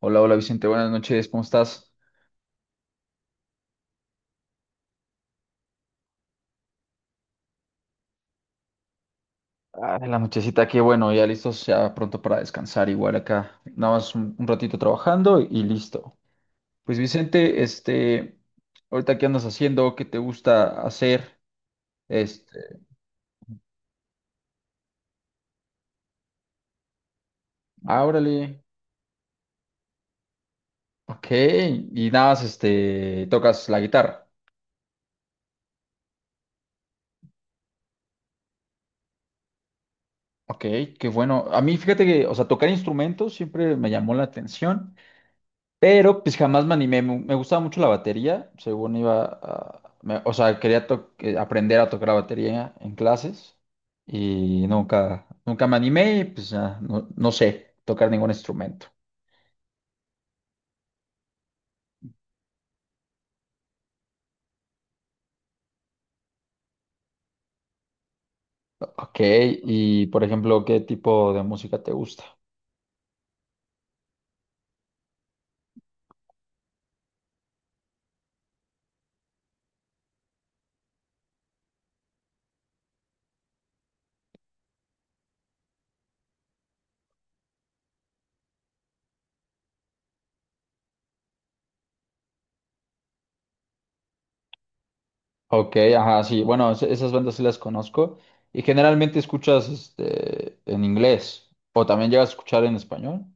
Hola, hola Vicente, buenas noches, ¿cómo estás? Ah, en la nochecita aquí, bueno, ya listos, ya pronto para descansar, igual acá, nada más un ratito trabajando y listo. Pues Vicente, este, ahorita qué andas haciendo, qué te gusta hacer, este, ah, órale, ok, y nada más, este, tocas la guitarra, ok, qué bueno. A mí, fíjate que, o sea, tocar instrumentos siempre me llamó la atención. Pero pues jamás me animé. Me gustaba mucho la batería. Según iba a... me- O sea, aprender a tocar la batería en clases. Y nunca me animé y pues ya, no, no sé tocar ningún instrumento. Ok, y por ejemplo, ¿qué tipo de música te gusta? Ok, ajá, sí. Bueno, esas bandas sí las conozco. Y generalmente escuchas este, en inglés. O también llegas a escuchar en español.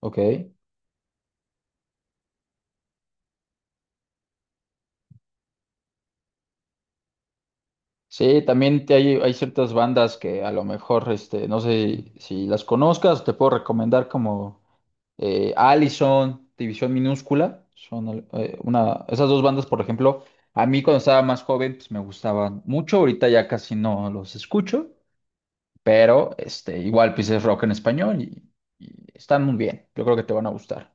Ok. Sí, hay, hay ciertas bandas que a lo mejor, este, no sé si las conozcas, te puedo recomendar como Allison, División Minúscula, esas dos bandas, por ejemplo, a mí cuando estaba más joven, pues me gustaban mucho, ahorita ya casi no los escucho, pero este, igual pues es rock en español y están muy bien, yo creo que te van a gustar.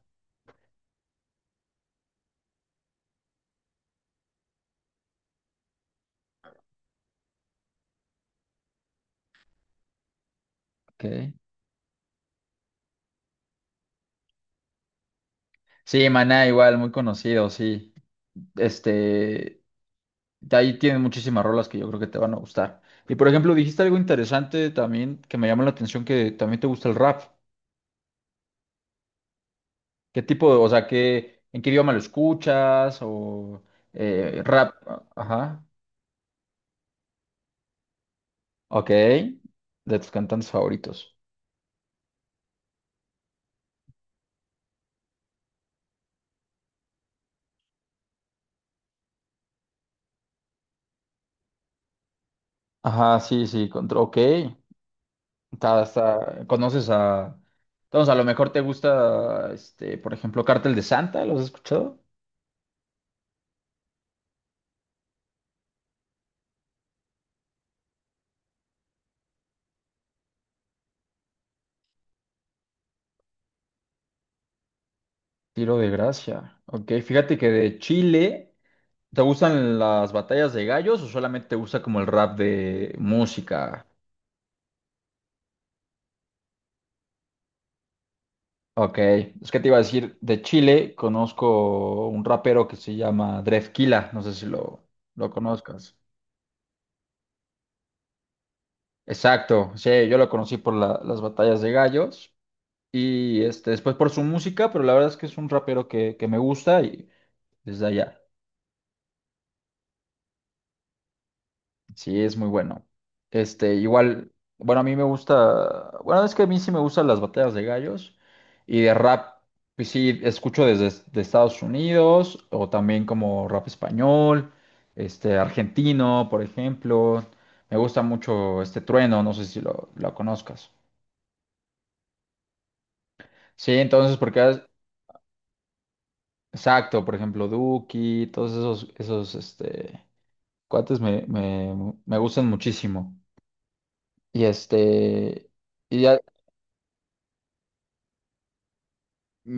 Ok. Sí, Maná igual, muy conocido, sí. Este, de ahí tienen muchísimas rolas que yo creo que te van a gustar. Y por ejemplo, dijiste algo interesante también que me llama la atención, que también te gusta el rap. ¿Qué tipo de, o sea, qué, en qué idioma lo escuchas? O rap, ajá, ok, de tus cantantes favoritos. Ajá, sí, sí, contra, ok. Está, conoces a, entonces a lo mejor te gusta, este, por ejemplo, Cártel de Santa, ¿los has escuchado? Tiro de Gracia, ok, fíjate que de Chile. ¿Te gustan las batallas de gallos o solamente te gusta como el rap de música? Ok, es que te iba a decir, de Chile conozco un rapero que se llama Drefkila, no sé si lo, lo conozcas. Exacto, sí, yo lo conocí por las batallas de gallos y este, después por su música, pero la verdad es que es un rapero que me gusta y desde allá. Sí, es muy bueno. Este, igual, bueno, a mí me gusta, bueno, es que a mí sí me gustan las batallas de gallos y de rap, pues sí, escucho desde de Estados Unidos o también como rap español, este, argentino, por ejemplo. Me gusta mucho este Trueno, no sé si lo, lo conozcas. Sí, entonces, porque, exacto, por ejemplo, Duki, todos esos, esos, este, cuates me, me, me gustan muchísimo. Y este... Y ya,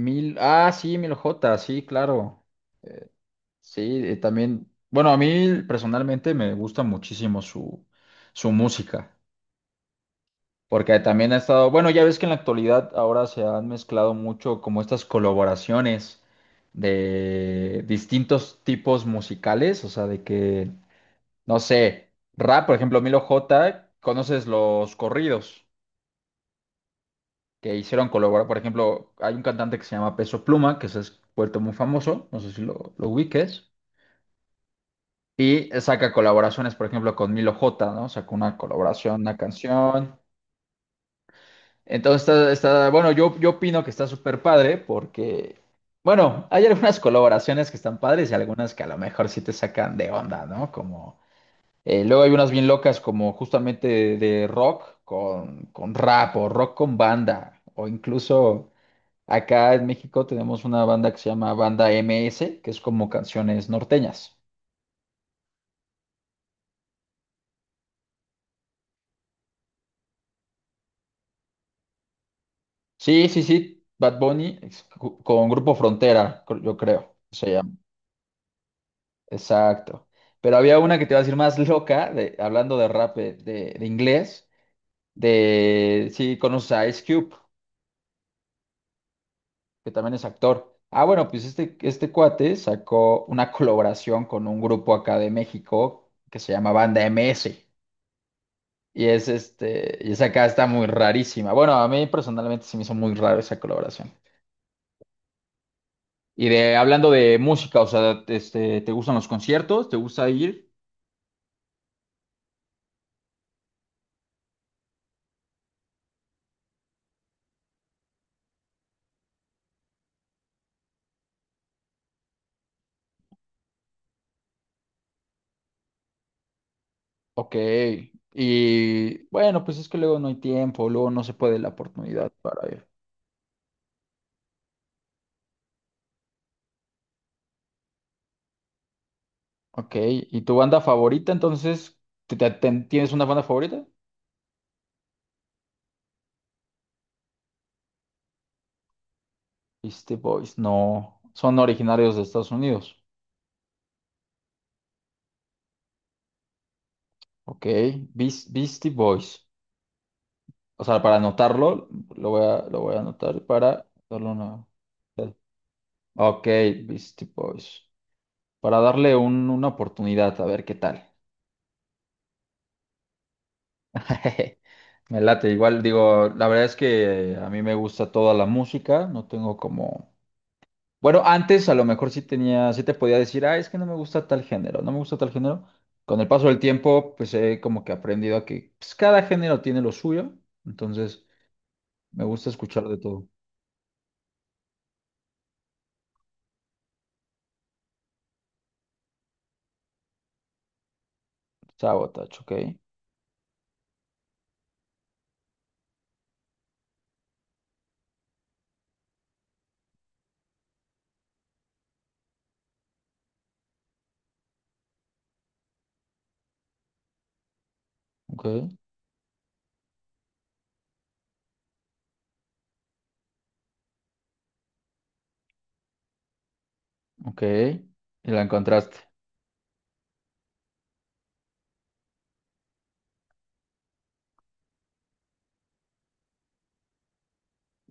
Mil, ah, sí, Mil J, sí, claro. Sí, también. Bueno, a mí personalmente me gusta muchísimo su, su música, porque también ha estado, bueno, ya ves que en la actualidad ahora se han mezclado mucho como estas colaboraciones de distintos tipos musicales, o sea, de que, no sé, rap, por ejemplo, Milo J, conoces los corridos que hicieron colaborar, por ejemplo, hay un cantante que se llama Peso Pluma, que se ha vuelto muy famoso, no sé si lo, lo ubiques. Y saca colaboraciones, por ejemplo, con Milo J, ¿no? Sacó una colaboración, una canción. Entonces está, bueno, yo opino que está súper padre porque, bueno, hay algunas colaboraciones que están padres y algunas que a lo mejor sí te sacan de onda, ¿no? Como, luego hay unas bien locas como justamente de rock con rap o rock con banda o incluso acá en México tenemos una banda que se llama Banda M S que es como canciones norteñas. Sí, sí, sí, Bad Bunny con Grupo Frontera, yo creo, se llama. Exacto. Pero había una que te iba a decir más loca, de, hablando de rap de inglés, de sí, conoces a Ice Cube, que también es actor. Ah, bueno, pues este cuate sacó una colaboración con un grupo acá de México que se llama Banda MS. Y es este, y esa acá está muy rarísima. Bueno, a mí personalmente se me hizo muy raro esa colaboración. Y de hablando de música, o sea, este, ¿te gustan los conciertos? ¿Te gusta ir? Ok. Y bueno, pues es que luego no hay tiempo, luego no se puede la oportunidad para ir. Ok. ¿Y tu banda favorita entonces? ¿Tienes una banda favorita? Beastie Boys, no. Son originarios de Estados Unidos. Ok. Beastie Boys. O sea, para anotarlo, lo voy a anotar para darle una. Ok, Beastie Boys. Para darle una oportunidad, a ver qué tal. Me late, igual digo, la verdad es que a mí me gusta toda la música, no tengo como... Bueno, antes a lo mejor sí tenía, sí te podía decir, ah, es que no me gusta tal género, no me gusta tal género. Con el paso del tiempo, pues he como que aprendido a que pues, cada género tiene lo suyo, entonces me gusta escuchar de todo. Sabotage, ok, ok, ok, y la encontraste.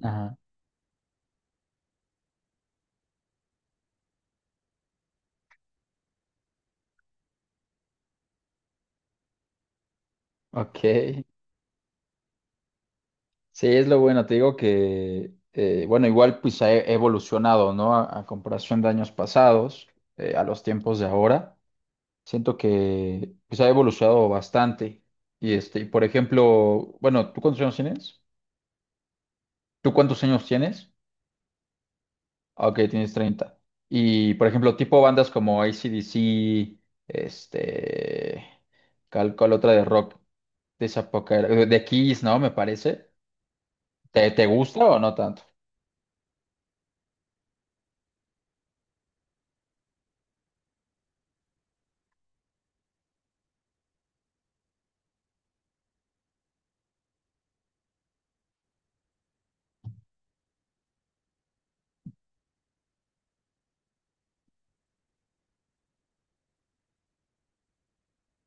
Ajá, ok. Sí, es lo bueno, te digo que, bueno, igual pues ha evolucionado, ¿no? A comparación de años pasados, a los tiempos de ahora, siento que pues ha evolucionado bastante. Y este, y por ejemplo, bueno, ¿tú cuántos años tienes? ¿Tú cuántos años tienes? Ah, ok, tienes treinta. Y por ejemplo, tipo bandas como AC/DC, este, cal, cual otra de rock de esa época, era. De Kiss, ¿no? Me parece. ¿Te, te gusta o no tanto?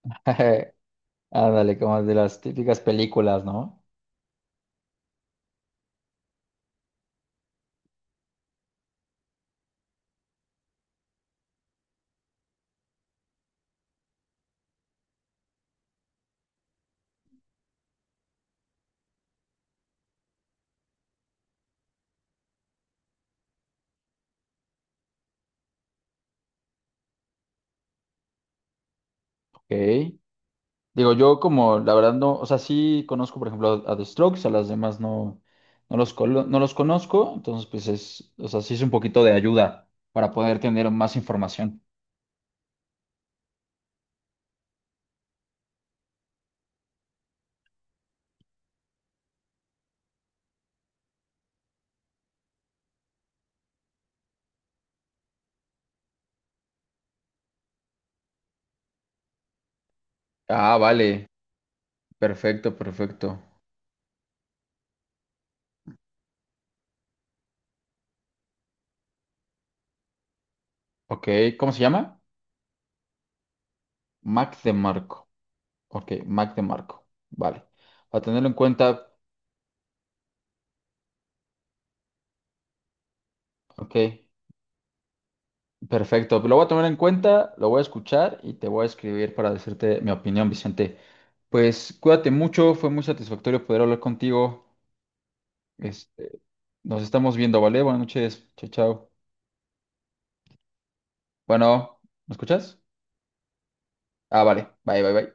Ándale, como de las típicas películas, ¿no? Ok. Digo, yo como, la verdad no, o sea, sí conozco, por ejemplo, a The Strokes, a las demás no, no los, no los conozco, entonces pues es, o sea, sí es un poquito de ayuda para poder tener más información. Ah, vale, perfecto, perfecto. Ok, ¿cómo se llama? Mac de Marco. Ok, Mac de Marco. Vale. Para tenerlo en cuenta, ok. Perfecto, lo voy a tomar en cuenta, lo voy a escuchar y te voy a escribir para decirte mi opinión, Vicente. Pues cuídate mucho, fue muy satisfactorio poder hablar contigo. Este, nos estamos viendo, ¿vale? Buenas noches, chao, chao. Bueno, ¿me escuchas? Ah, vale, bye, bye, bye.